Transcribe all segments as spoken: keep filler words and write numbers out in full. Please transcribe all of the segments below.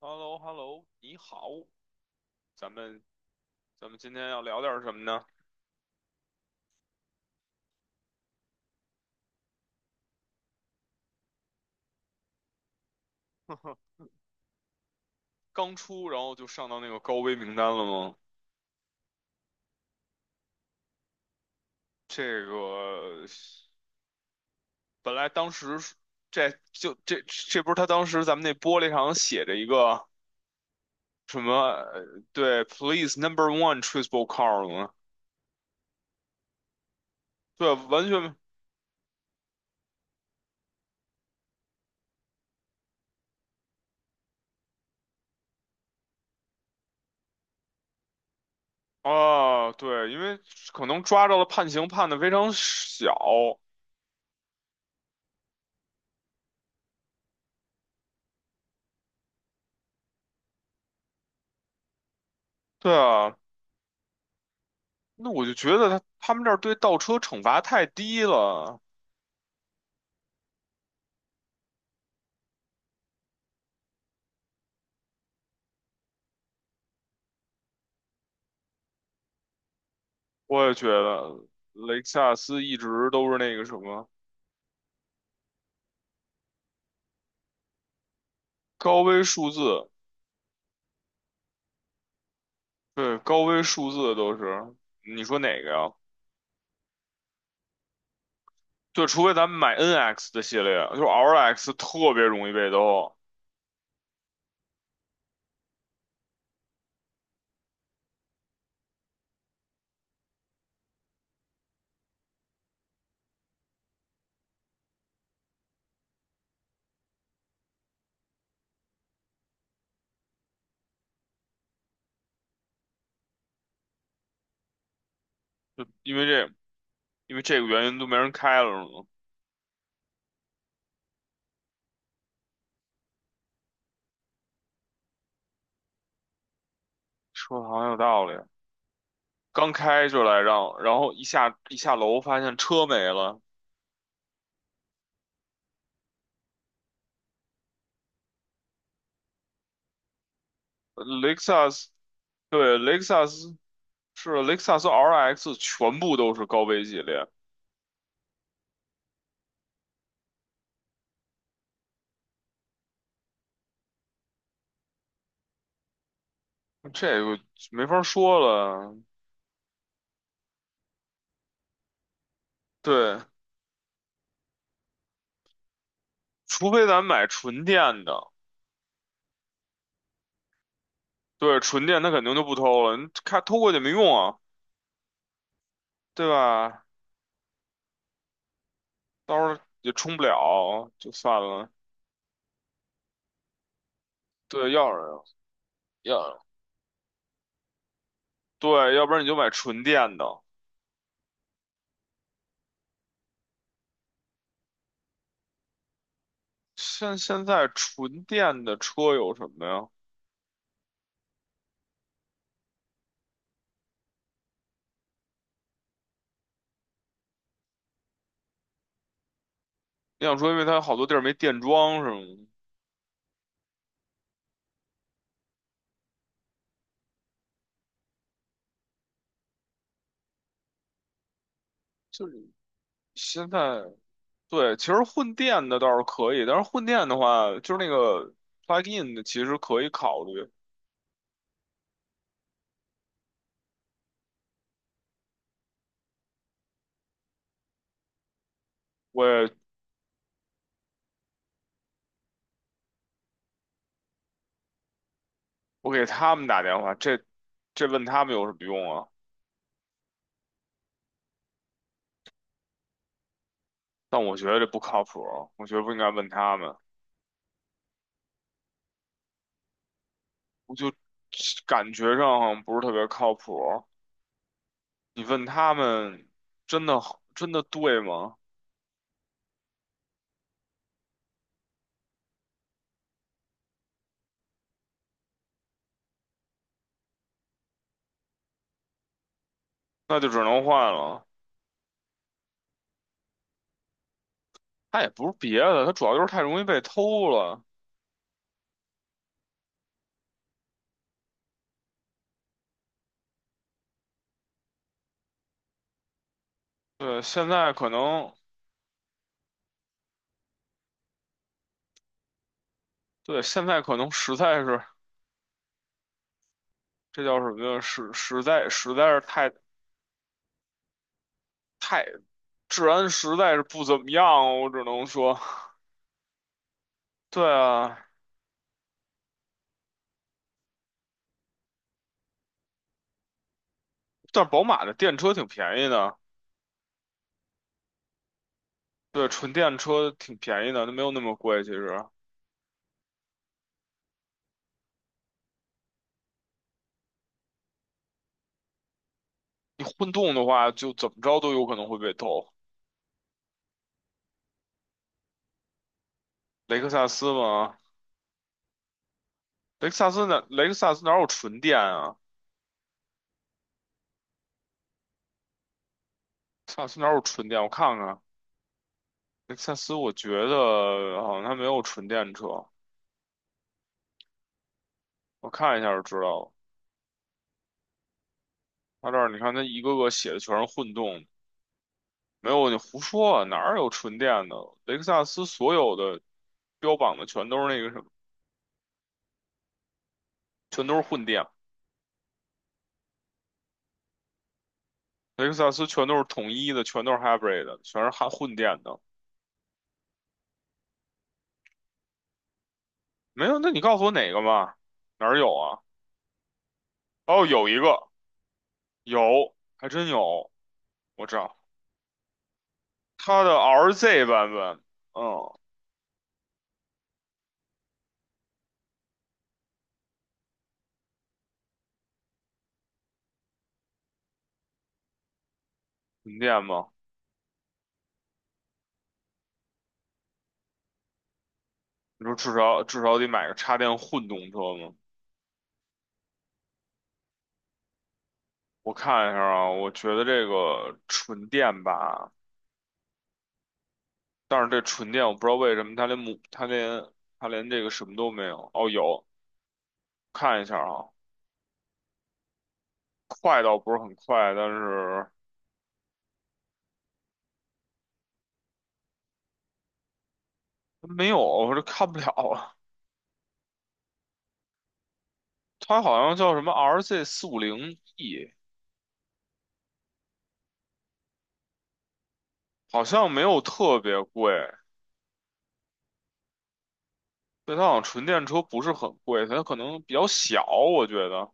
h e l l o h e l l o 你好，咱们咱们今天要聊点什么呢？刚出，然后就上到那个高危名单了吗？这个本来当时是这就这这不是他当时咱们那玻璃上写着一个什么呃对，Please Number One Traceable Car 吗？对，完全没啊，对，因为可能抓着了判刑判的非常小，对啊，那我就觉得他他们这儿对倒车惩罚太低了。我也觉得雷克萨斯一直都是那个什么高危数字，对，高危数字都是。你说哪个呀？对，除非咱们买 N X 的系列，就是 R X 特别容易被兜，就因为这因为这个原因都没人开了是吗？说的好像有道理。刚开就来让，然后一下一下楼发现车没了。呃雷克萨斯对，雷克萨斯是雷克萨斯 R X 全部都是高危系列，这个没法说了。对，除非咱买纯电的，对，纯电它肯定就不偷了，你看偷过去没用啊，对吧？到时候也充不了，就算了。对，要是要对，要不然你就买纯电的。现现在纯电的车有什么呀？你想说，因为它好多地儿没电桩是吗？就是现在对，其实混电的倒是可以，但是混电的话，就是那个 plug in 的，其实可以考虑。我也我给他们打电话，这这问他们有什么用啊？但我觉得这不靠谱啊，我觉得不应该问他们。我就感觉上好像不是特别靠谱。你问他们，真的真的对吗？那就只能换了。他也不是别的，他主要就是太容易被偷了。对，现在可能，对，现在可能实在是，这叫什么呀？实实在实在是太太治安实在是不怎么样啊，我只能说，对啊。但是宝马的电车挺便宜的，对，纯电车挺便宜的，它没有那么贵。其实你混动的话，就怎么着都有可能会被偷。雷克萨斯嘛，雷克萨斯哪雷克萨斯哪有纯电啊？雷克萨斯哪有纯电？我看看，雷克萨斯我觉得好像它没有纯电车，我看一下就知道了。它这儿你看，它一个个写的全是混动，没有你胡说啊哪儿有纯电的？雷克萨斯所有的标榜的全都是那个什么，全都是混电。雷克萨斯全都是统一的，全都是 hybrid 的全是含混电的。没有，那你告诉我哪个嘛？哪儿有啊？哦，有一个，有，还真有，我知道它的 R Z 版本，嗯，混电吗？你说至少至少得买个插电混动车吗？我看一下啊，我觉得这个纯电吧，但是这纯电我不知道为什么它连母它连它连这个什么都没有。哦，有，看一下啊，快倒不是很快，但是。没有，我这看不了啊。它好像叫什么 R Z 四五零 E，好像没有特别贵。对，它好像纯电车不是很贵，它可能比较小，我觉得。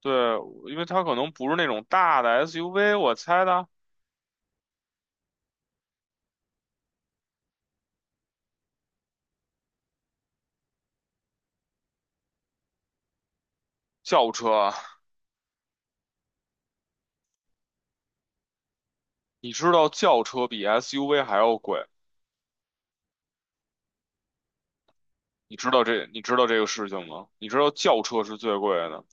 对，因为它可能不是那种大的 S U V，我猜的。轿车啊你知道轿车比 S U V 还要贵，你知道这你知道这个事情吗？你知道轿车是最贵的，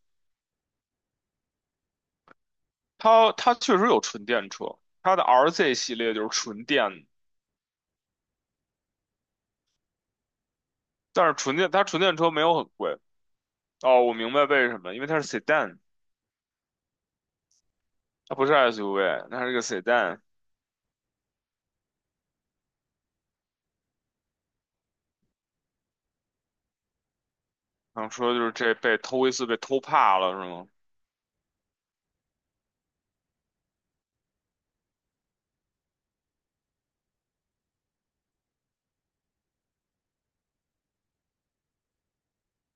它它确实有纯电车，它的 R Z 系列就是纯电的，但是纯电它纯电车没有很贵。哦，我明白为什么，因为它是 sedan，它不是 S U V，它是个 sedan。然后说就是这被偷一次被偷怕了是吗？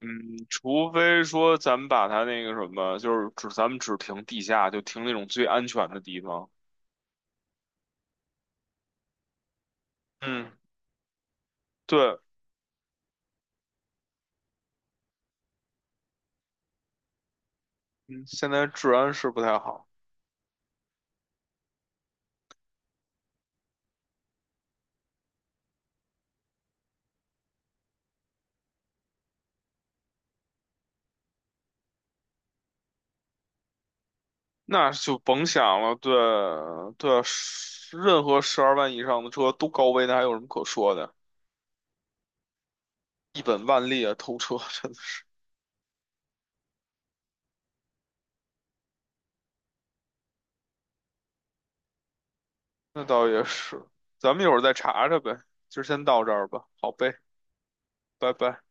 嗯，除非说咱们把它那个什么，就是只咱们只停地下，就停那种最安全的地方。嗯，对，嗯，现在治安是不太好，那就甭想了。对对，十任何十二万以上的车都高危，那还有什么可说的？一本万利啊，偷车真的是。那倒也是，咱们一会儿再查查呗，就先到这儿吧。好呗，拜拜。